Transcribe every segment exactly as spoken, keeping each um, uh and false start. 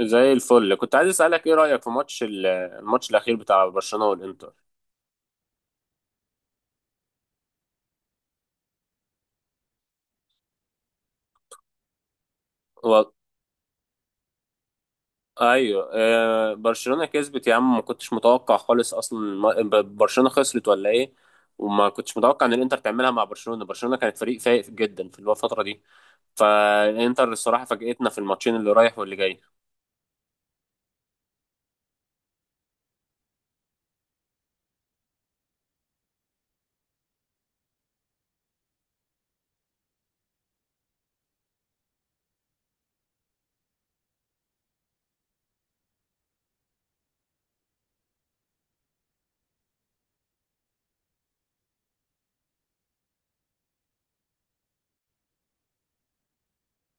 زي الفل كنت عايز اسالك ايه رايك في ماتش ال- الماتش الاخير بتاع برشلونه والانتر. و... ايوه، آه، برشلونه كسبت يا عم، ما كنتش متوقع خالص اصلا. ما- ب- برشلونه خسرت ولا ايه؟ وما كنتش متوقع ان الانتر تعملها مع برشلونه برشلونه كانت فريق فايق جدا في الفتره دي، فالانتر الصراحه فاجئتنا في الماتشين اللي رايح واللي جاي.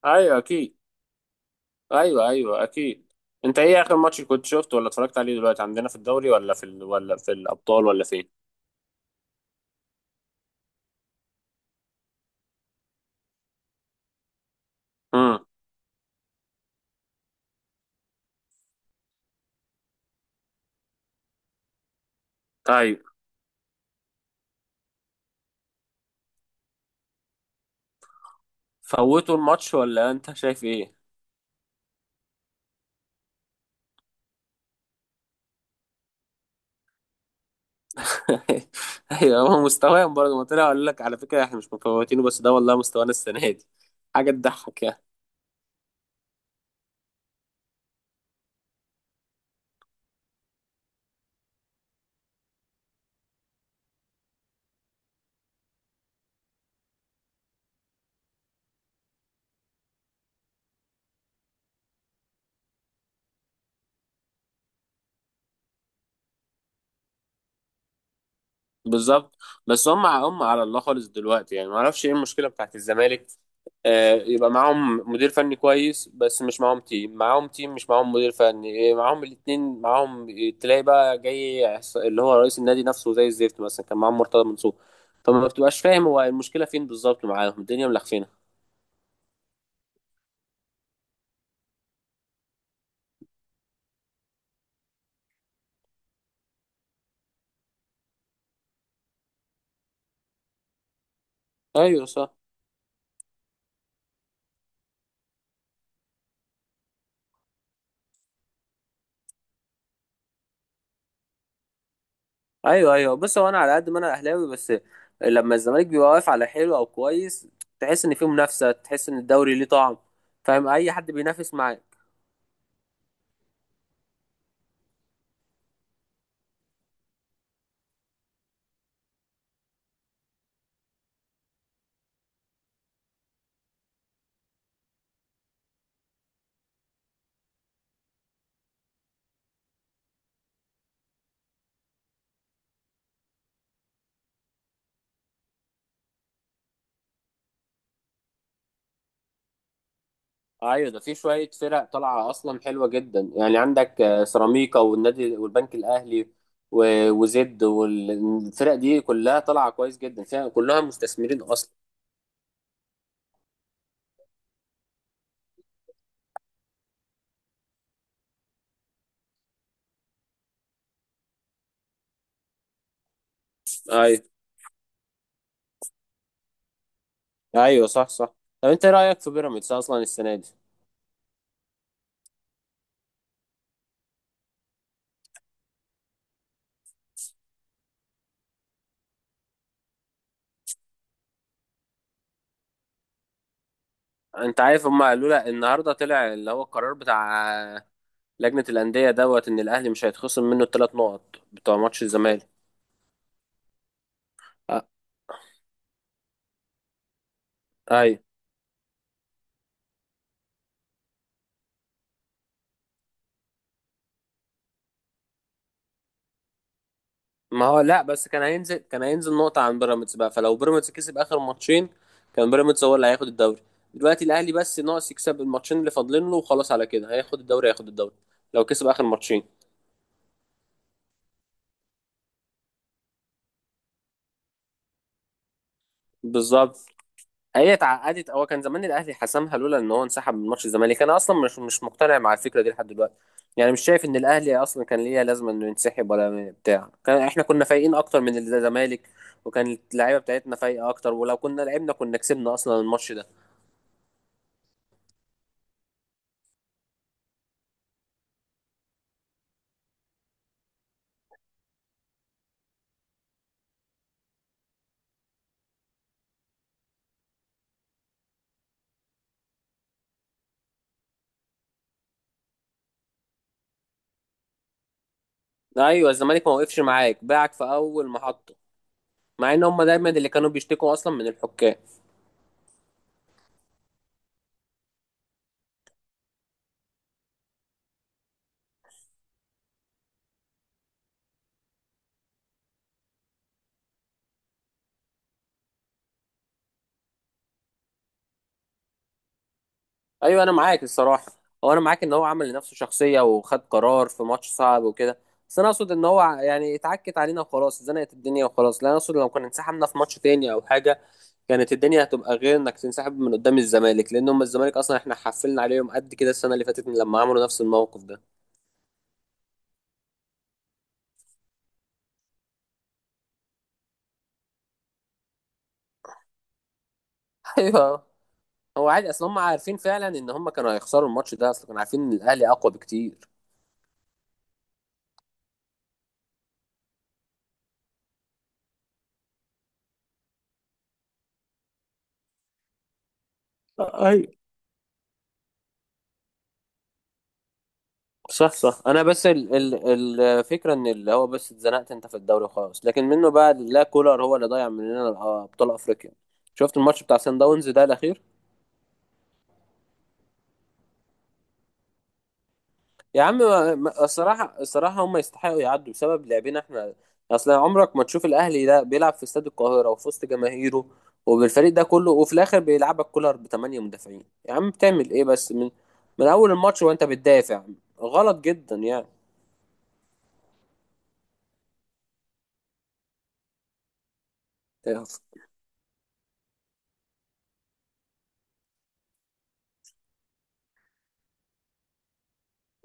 ايوه اكيد. ايوه، ايوه، اكيد. انت ايه اخر ماتش كنت شفته ولا اتفرجت عليه دلوقتي، عندنا في الدوري ولا في ال... ولا في الابطال ولا فين؟ امم. ايوه. فوتوا الماتش ولا انت شايف ايه؟ ايوه، هو مستواهم برضه ما طلع، قال لك على فكره احنا مش مفوتينه، بس ده والله مستوانا السنه دي، حاجه تضحك يعني. بالظبط. بس هم هم على الله خالص دلوقتي، يعني ما اعرفش ايه المشكله بتاعت الزمالك. آه، يبقى معاهم مدير فني كويس بس مش معاهم تيم، معاهم تيم مش معاهم مدير فني، إيه، معاهم الاتنين معاهم. تلاقي بقى جاي عص- اللي هو رئيس النادي نفسه زي الزفت، مثلا كان معاهم مرتضى منصور، فما بتبقاش فاهم هو المشكله فين بالظبط، معاهم الدنيا ملخفينه. ايوه صح. ايوه، ايوه. بص، هو انا على قد ما انا اهلاوي، بس لما الزمالك بيبقى واقف على حلو او كويس، تحس ان فيه منافسه، تحس ان الدوري ليه طعم، فاهم؟ اي حد بينافس معاك. ايوه، ده في شويه فرق طالعه اصلا حلوه جدا يعني، عندك آه، سيراميكا والنادي والبنك الاهلي و- وزد، والفرق دي كلها طالعه كويس جدا، فيها كلها مستثمرين اصلا. ايوه، ايوه، صح صح. طب انت إيه رايك في بيراميدز اصلا السنه دي؟ انت عارف هم قالوا لها النهارده، طلع اللي هو القرار بتاع لجنة الأندية دوت، إن الأهلي مش هيتخصم منه الثلاث نقط بتوع ماتش الزمالك؟ أ- أيوة. ما هو لا، بس كان هينزل، كان هينزل نقطة عن بيراميدز بقى، فلو بيراميدز كسب آخر ماتشين كان بيراميدز هو اللي هياخد الدوري، دلوقتي الأهلي بس ناقص يكسب الماتشين اللي فاضلين له وخلاص، على كده هياخد الدوري، هياخد الدوري لو كسب آخر ماتشين. بالظبط. هي اتعقدت، هو كان زمان الاهلي حسمها لولا ان هو انسحب من ماتش الزمالك، انا اصلا مش مش مقتنع مع الفكره دي لحد دلوقتي، يعني مش شايف ان الاهلي اصلا كان ليه لازمه انه ينسحب ولا بتاع، كان احنا كنا فايقين اكتر من الزمالك، وكان اللعيبه بتاعتنا فايقه اكتر، ولو كنا لعبنا كنا كسبنا اصلا الماتش ده. ايوه، الزمالك ما وقفش معاك، باعك في اول محطه، مع ان هم دايما اللي كانوا بيشتكوا اصلا من الحكام. ايوه، انا معاك الصراحه. هو انا معاك ان هو عمل لنفسه شخصيه وخد قرار في ماتش صعب وكده، بس انا اقصد ان هو يعني اتعكت علينا وخلاص، زنقت الدنيا وخلاص. لا، انا اقصد لو كنا انسحبنا في ماتش تاني او حاجه، كانت الدنيا هتبقى غير انك تنسحب من قدام الزمالك، لان هم الزمالك اصلا احنا حفلنا عليهم قد كده السنه اللي فاتت من لما عملوا نفس الموقف ده. ايوه. هو عادي اصلا، هم عارفين فعلا ان هم كانوا هيخسروا الماتش ده اصلا، كانوا عارفين ان الاهلي اقوى بكتير. صح صح. انا بس ال ال الفكره ان اللي هو بس اتزنقت انت في الدوري خالص، لكن منه بقى لا، كولر هو اللي ضيع مننا الأ- ابطال افريقيا. شفت الماتش بتاع سان داونز ده الاخير؟ يا عم، ما- ما- الصراحه، الصراحه هم يستحقوا يعدوا بسبب لعبنا احنا، اصل عمرك ما تشوف الاهلي ده بيلعب في استاد القاهره وفي وسط جماهيره وبالفريق ده كله وفي الاخر بيلعبك كولر بثمانيه مدافعين. يا عم بتعمل ايه بس؟ من من اول الماتش وانت بتدافع، غلط جدا يعني.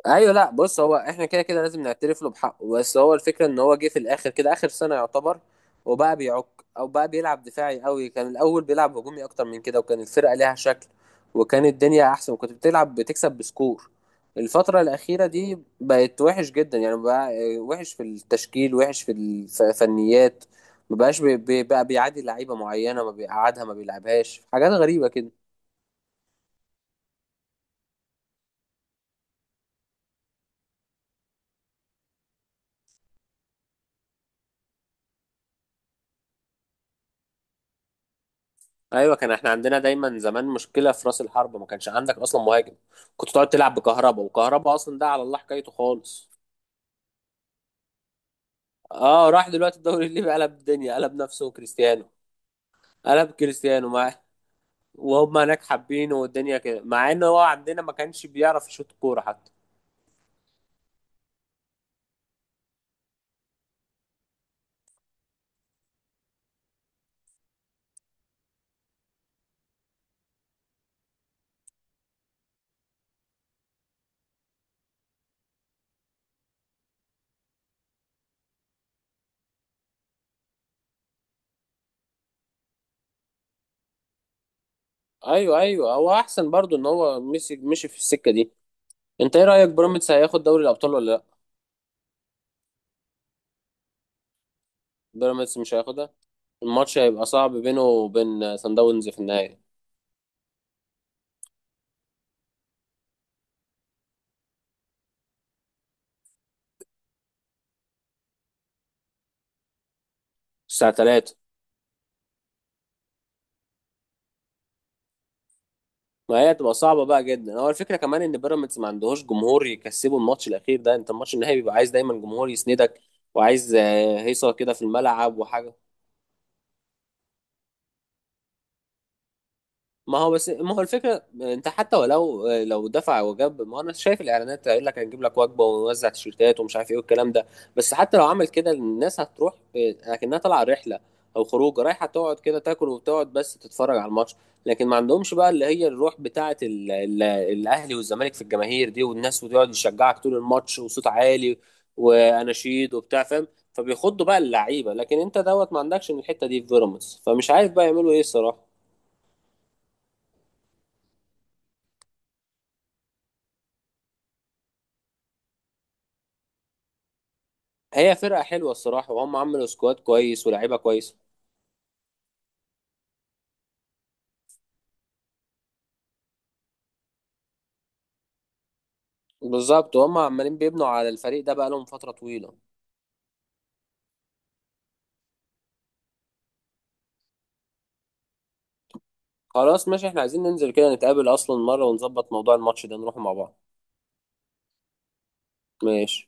ايوه، لا بص، هو احنا كده كده لازم نعترف له بحقه، بس هو الفكره ان هو جه في الاخر كده اخر سنه يعتبر، وبقى بيعك او بقى بيلعب دفاعي قوي، كان الاول بيلعب هجومي اكتر من كده، وكان الفرقه ليها شكل، وكان الدنيا احسن، وكنت بتلعب بتكسب بسكور. الفتره الاخيره دي بقت وحش جدا يعني، بقى آه، وحش في التشكيل، وحش في الفنيات، ما بقاش بي- بي- بقى بيعادي لعيبه معينه، ما بيقعدها، ما بيلعبهاش، حاجات غريبه كده. ايوه، كان احنا عندنا دايما زمان مشكله في راس الحرب، ما كانش عندك اصلا مهاجم، كنت تقعد تلعب بكهربا، وكهربا اصلا ده على الله حكايته خالص. اه، راح دلوقتي الدوري الليبي قلب الدنيا، قلب نفسه كريستيانو، قلب كريستيانو، مع وهم هناك حابينه والدنيا كده، مع ان هو عندنا ما كانش بيعرف يشوط كوره حتى. ايوه ايوه، هو احسن برضو ان هو مشي، مشي في السكه دي. انت ايه رايك، بيراميدز هياخد دوري الابطال ولا لا؟ بيراميدز مش هياخدها، الماتش هيبقى صعب بينه وبين سان داونز في النهائي الساعه تلاتة. ما هي هتبقى صعبة بقى جدا، هو الفكرة كمان ان بيراميدز ما عندهوش جمهور يكسبه الماتش الاخير ده، انت الماتش النهائي بيبقى عايز دايما جمهور يسندك، وعايز آه، هيصة كده في الملعب وحاجة. ما هو بس ما هو الفكره، انت حتى ولو لو دفع وجاب، ما هو انا شايف الاعلانات هيقول لك هنجيب لك وجبه ونوزع تيشيرتات ومش عارف ايه والكلام ده، بس حتى لو عمل كده الناس هتروح آه، لكنها طالعه رحله او خروج، رايحه تقعد كده تاكل وتقعد بس تتفرج على الماتش، لكن ما عندهمش بقى اللي هي الروح بتاعه ال ال الاهلي والزمالك في الجماهير دي والناس، وتقعد تشجعك طول الماتش وصوت عالي واناشيد وبتاع، فاهم؟ فبيخضوا بقى اللعيبه، لكن انت دوت ما عندكش من الحته دي في بيراميدز، فمش عارف بقى يعملوا ايه الصراحه. هي فرقة حلوة الصراحة، وهم عملوا سكواد كويس ولاعيبة كويسة. بالظبط، وهم عمالين بيبنوا على الفريق ده بقالهم فترة طويلة. خلاص ماشي، احنا عايزين ننزل كده نتقابل أصلا مرة ونظبط موضوع الماتش ده، نروح مع بعض. ماشي.